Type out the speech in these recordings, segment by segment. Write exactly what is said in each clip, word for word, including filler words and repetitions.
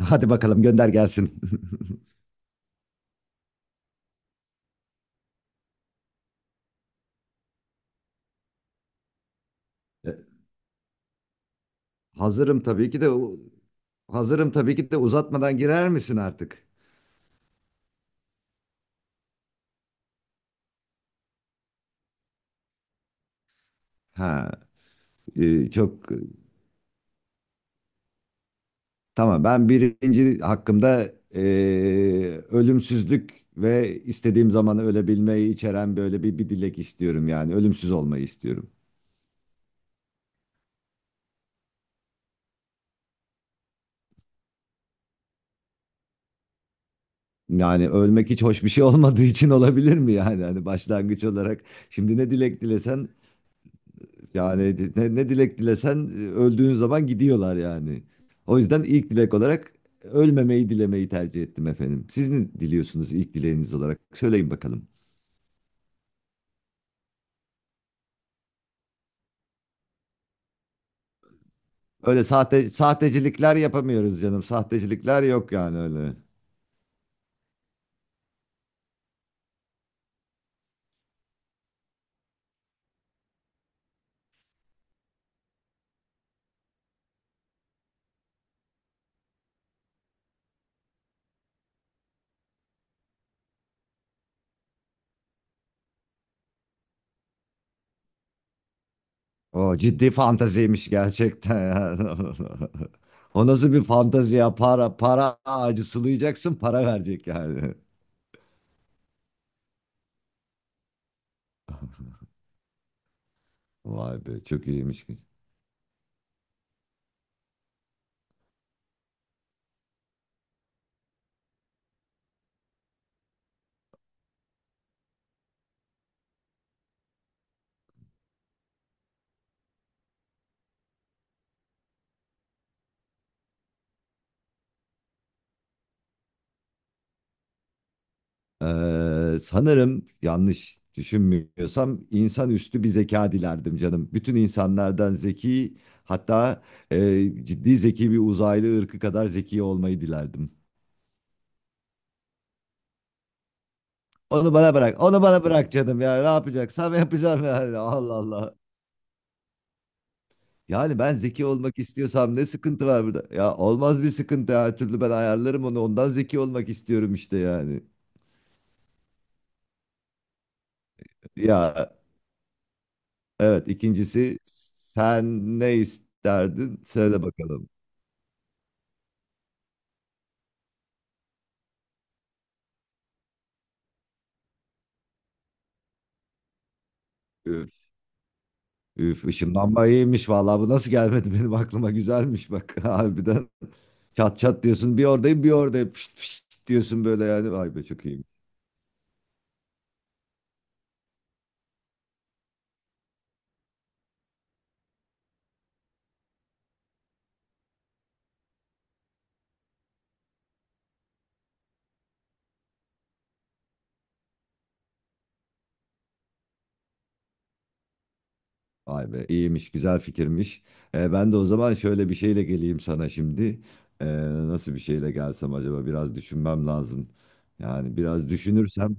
Hadi bakalım gönder gelsin. E, Hazırım tabii ki de u- hazırım tabii ki de uzatmadan girer misin artık? Ha, e, çok tamam. Ben birinci hakkımda e, ölümsüzlük ve istediğim zaman ölebilmeyi içeren böyle bir, bir dilek istiyorum, yani ölümsüz olmayı istiyorum. Yani ölmek hiç hoş bir şey olmadığı için olabilir mi yani? Hani başlangıç olarak şimdi ne dilek dilesen... Yani ne, ne dilek dilesen, e, öldüğün zaman gidiyorlar yani. O yüzden ilk dilek olarak ölmemeyi dilemeyi tercih ettim, efendim. Siz ne diliyorsunuz ilk dileğiniz olarak? Söyleyin bakalım. Öyle sahte sahtecilikler yapamıyoruz canım. Sahtecilikler yok yani, öyle. O ciddi fantaziymiş gerçekten, ya. O nasıl bir fantazi ya? Para, para ağacı sulayacaksın, para verecek yani. Vay be, çok iyiymiş. Ee, sanırım yanlış düşünmüyorsam insanüstü bir zeka dilerdim canım. Bütün insanlardan zeki, hatta e, ciddi zeki bir uzaylı ırkı kadar zeki olmayı dilerdim. Onu bana bırak, onu bana bırak canım, ya ne yapacaksam yapacağım yani. Allah Allah. Yani ben zeki olmak istiyorsam ne sıkıntı var burada? Ya olmaz, bir sıkıntı her türlü ben ayarlarım onu, ondan zeki olmak istiyorum işte yani. Ya, evet, ikincisi, sen ne isterdin? Söyle bakalım. Üf, ışınlanma iyiymiş vallahi, bu nasıl gelmedi benim aklıma, güzelmiş bak. Harbiden. Çat çat diyorsun, bir oradayım bir oradayım, fışt fışt diyorsun böyle yani, vay be çok iyiymiş. Vay be, iyiymiş, güzel fikirmiş. Ee, ben de o zaman şöyle bir şeyle geleyim sana şimdi. Ee, Nasıl bir şeyle gelsem acaba, biraz düşünmem lazım. Yani biraz düşünürsem,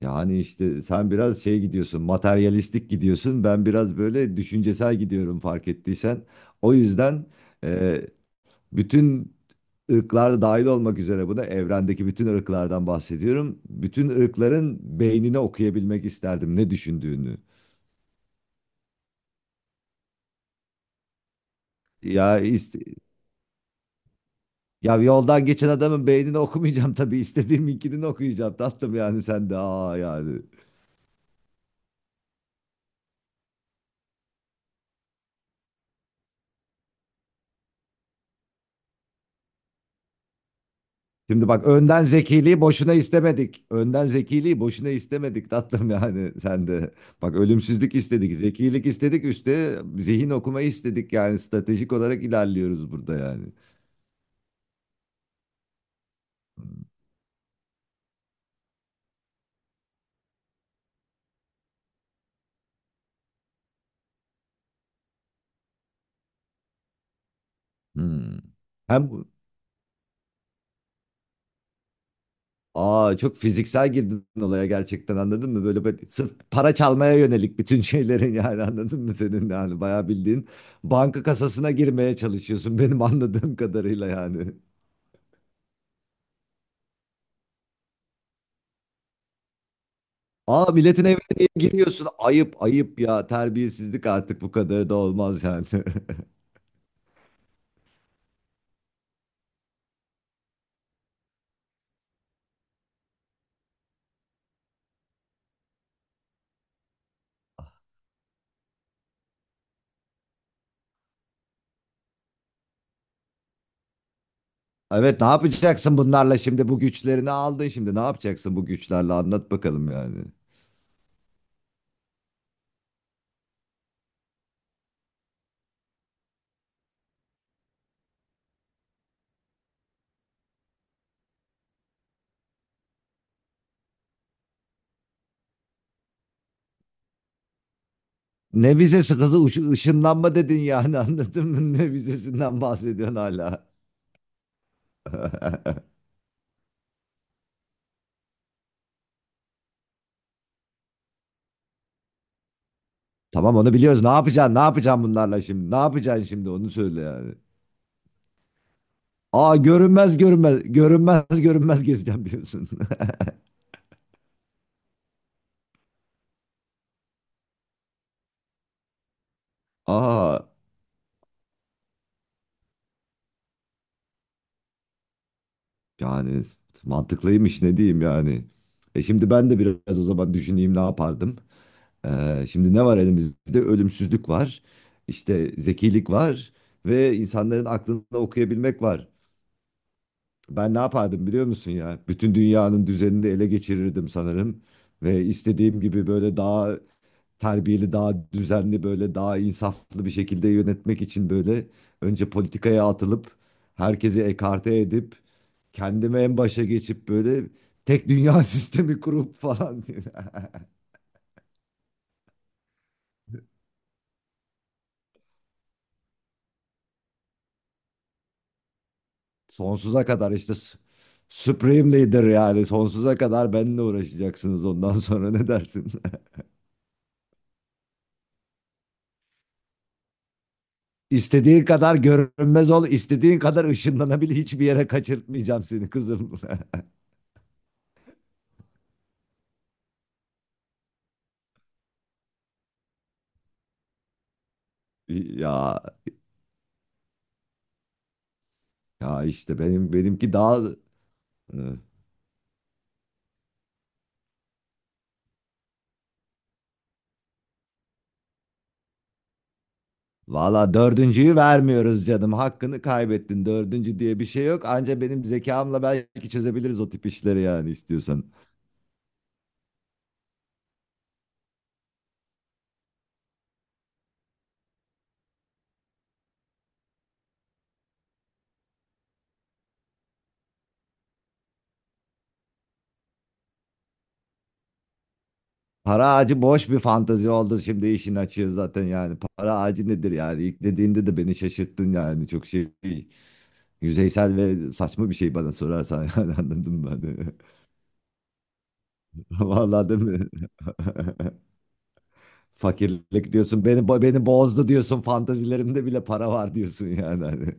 yani işte sen biraz şey gidiyorsun, materyalistik gidiyorsun, ben biraz böyle düşüncesel gidiyorum, fark ettiysen. O yüzden... Ee, Bütün ırklarda dahil olmak üzere, buna evrendeki bütün ırklardan bahsediyorum. Bütün ırkların beynini okuyabilmek isterdim, ne düşündüğünü. Ya ist- Ya yoldan geçen adamın beynini okumayacağım tabii, istediğim ikilini okuyacağım tatlım, yani sen de aa yani. Şimdi bak, önden zekiliği boşuna istemedik. Önden zekiliği boşuna istemedik tatlım, yani sen de. Bak, ölümsüzlük istedik, zekilik istedik, üstte zihin okumayı istedik, yani stratejik olarak ilerliyoruz burada yani. Hmm. Hem aa Çok fiziksel girdin olaya gerçekten, anladın mı? Böyle, böyle sırf para çalmaya yönelik bütün şeylerin, yani anladın mı senin yani, bayağı bildiğin banka kasasına girmeye çalışıyorsun benim anladığım kadarıyla yani. Aa, milletin evine niye giriyorsun? Ayıp ayıp ya, terbiyesizlik artık bu kadar da olmaz yani. Evet, ne yapacaksın bunlarla şimdi, bu güçlerini aldın, şimdi ne yapacaksın bu güçlerle, anlat bakalım yani. Ne vizesi kızı Uş- ışınlanma dedin yani, anladın mı? Ne vizesinden bahsediyorsun hala. Tamam, onu biliyoruz. Ne yapacaksın? Ne yapacaksın bunlarla şimdi? Ne yapacaksın şimdi? Onu söyle yani. Aa, görünmez görünmez görünmez görünmez gezeceğim diyorsun. Aa, yani mantıklıymış, ne diyeyim yani. E şimdi ben de biraz o zaman düşüneyim ne yapardım. Ee, şimdi ne var elimizde? Ölümsüzlük var. İşte zekilik var ve insanların aklını okuyabilmek var. Ben ne yapardım biliyor musun ya? Bütün dünyanın düzenini ele geçirirdim sanırım ve istediğim gibi böyle daha terbiyeli, daha düzenli, böyle daha insaflı bir şekilde yönetmek için böyle önce politikaya atılıp, herkesi ekarte edip, kendimi en başa geçip böyle tek dünya sistemi kurup falan, sonsuza kadar işte s- Supreme Leader yani sonsuza kadar benimle uğraşacaksınız, ondan sonra ne dersin? İstediğin kadar görünmez ol, istediğin kadar ışınlanabil, hiçbir yere kaçırtmayacağım seni kızım. Ya ya işte benim benimki daha... Valla dördüncüyü vermiyoruz canım. Hakkını kaybettin. Dördüncü diye bir şey yok. Anca benim zekamla belki çözebiliriz o tip işleri, yani istiyorsan. Para ağacı boş bir fantazi oldu, şimdi işin açığı zaten yani. Para ağacı nedir yani? İlk dediğinde de beni şaşırttın yani. Çok şey yüzeysel ve saçma bir şey, bana sorarsan. Yani anladın mı? Hani... Valla değil mi? Fakirlik diyorsun, Beni, beni bozdu diyorsun, fantazilerimde bile para var diyorsun yani, hani.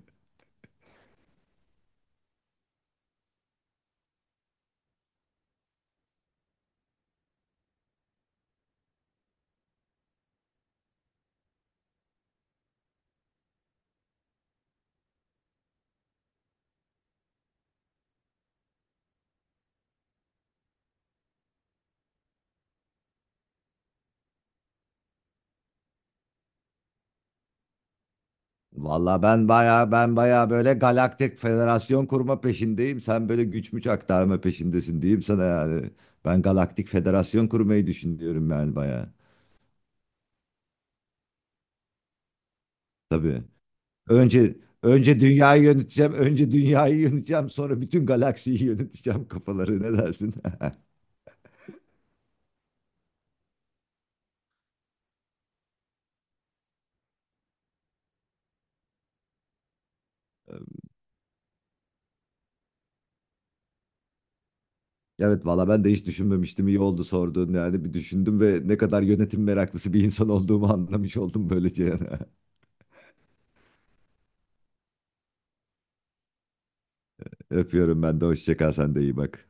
Valla, ben baya ben baya böyle galaktik federasyon kurma peşindeyim, sen böyle güç müç aktarma peşindesin diyeyim sana yani. Ben galaktik federasyon kurmayı düşünüyorum yani baya. Tabii. Önce önce dünyayı yöneteceğim, önce dünyayı yöneteceğim, sonra bütün galaksiyi yöneteceğim kafaları, ne dersin? Evet valla, ben de hiç düşünmemiştim. İyi oldu sorduğun, yani bir düşündüm ve ne kadar yönetim meraklısı bir insan olduğumu anlamış oldum böylece. Öpüyorum ben de, hoşça kal, sen de iyi bak.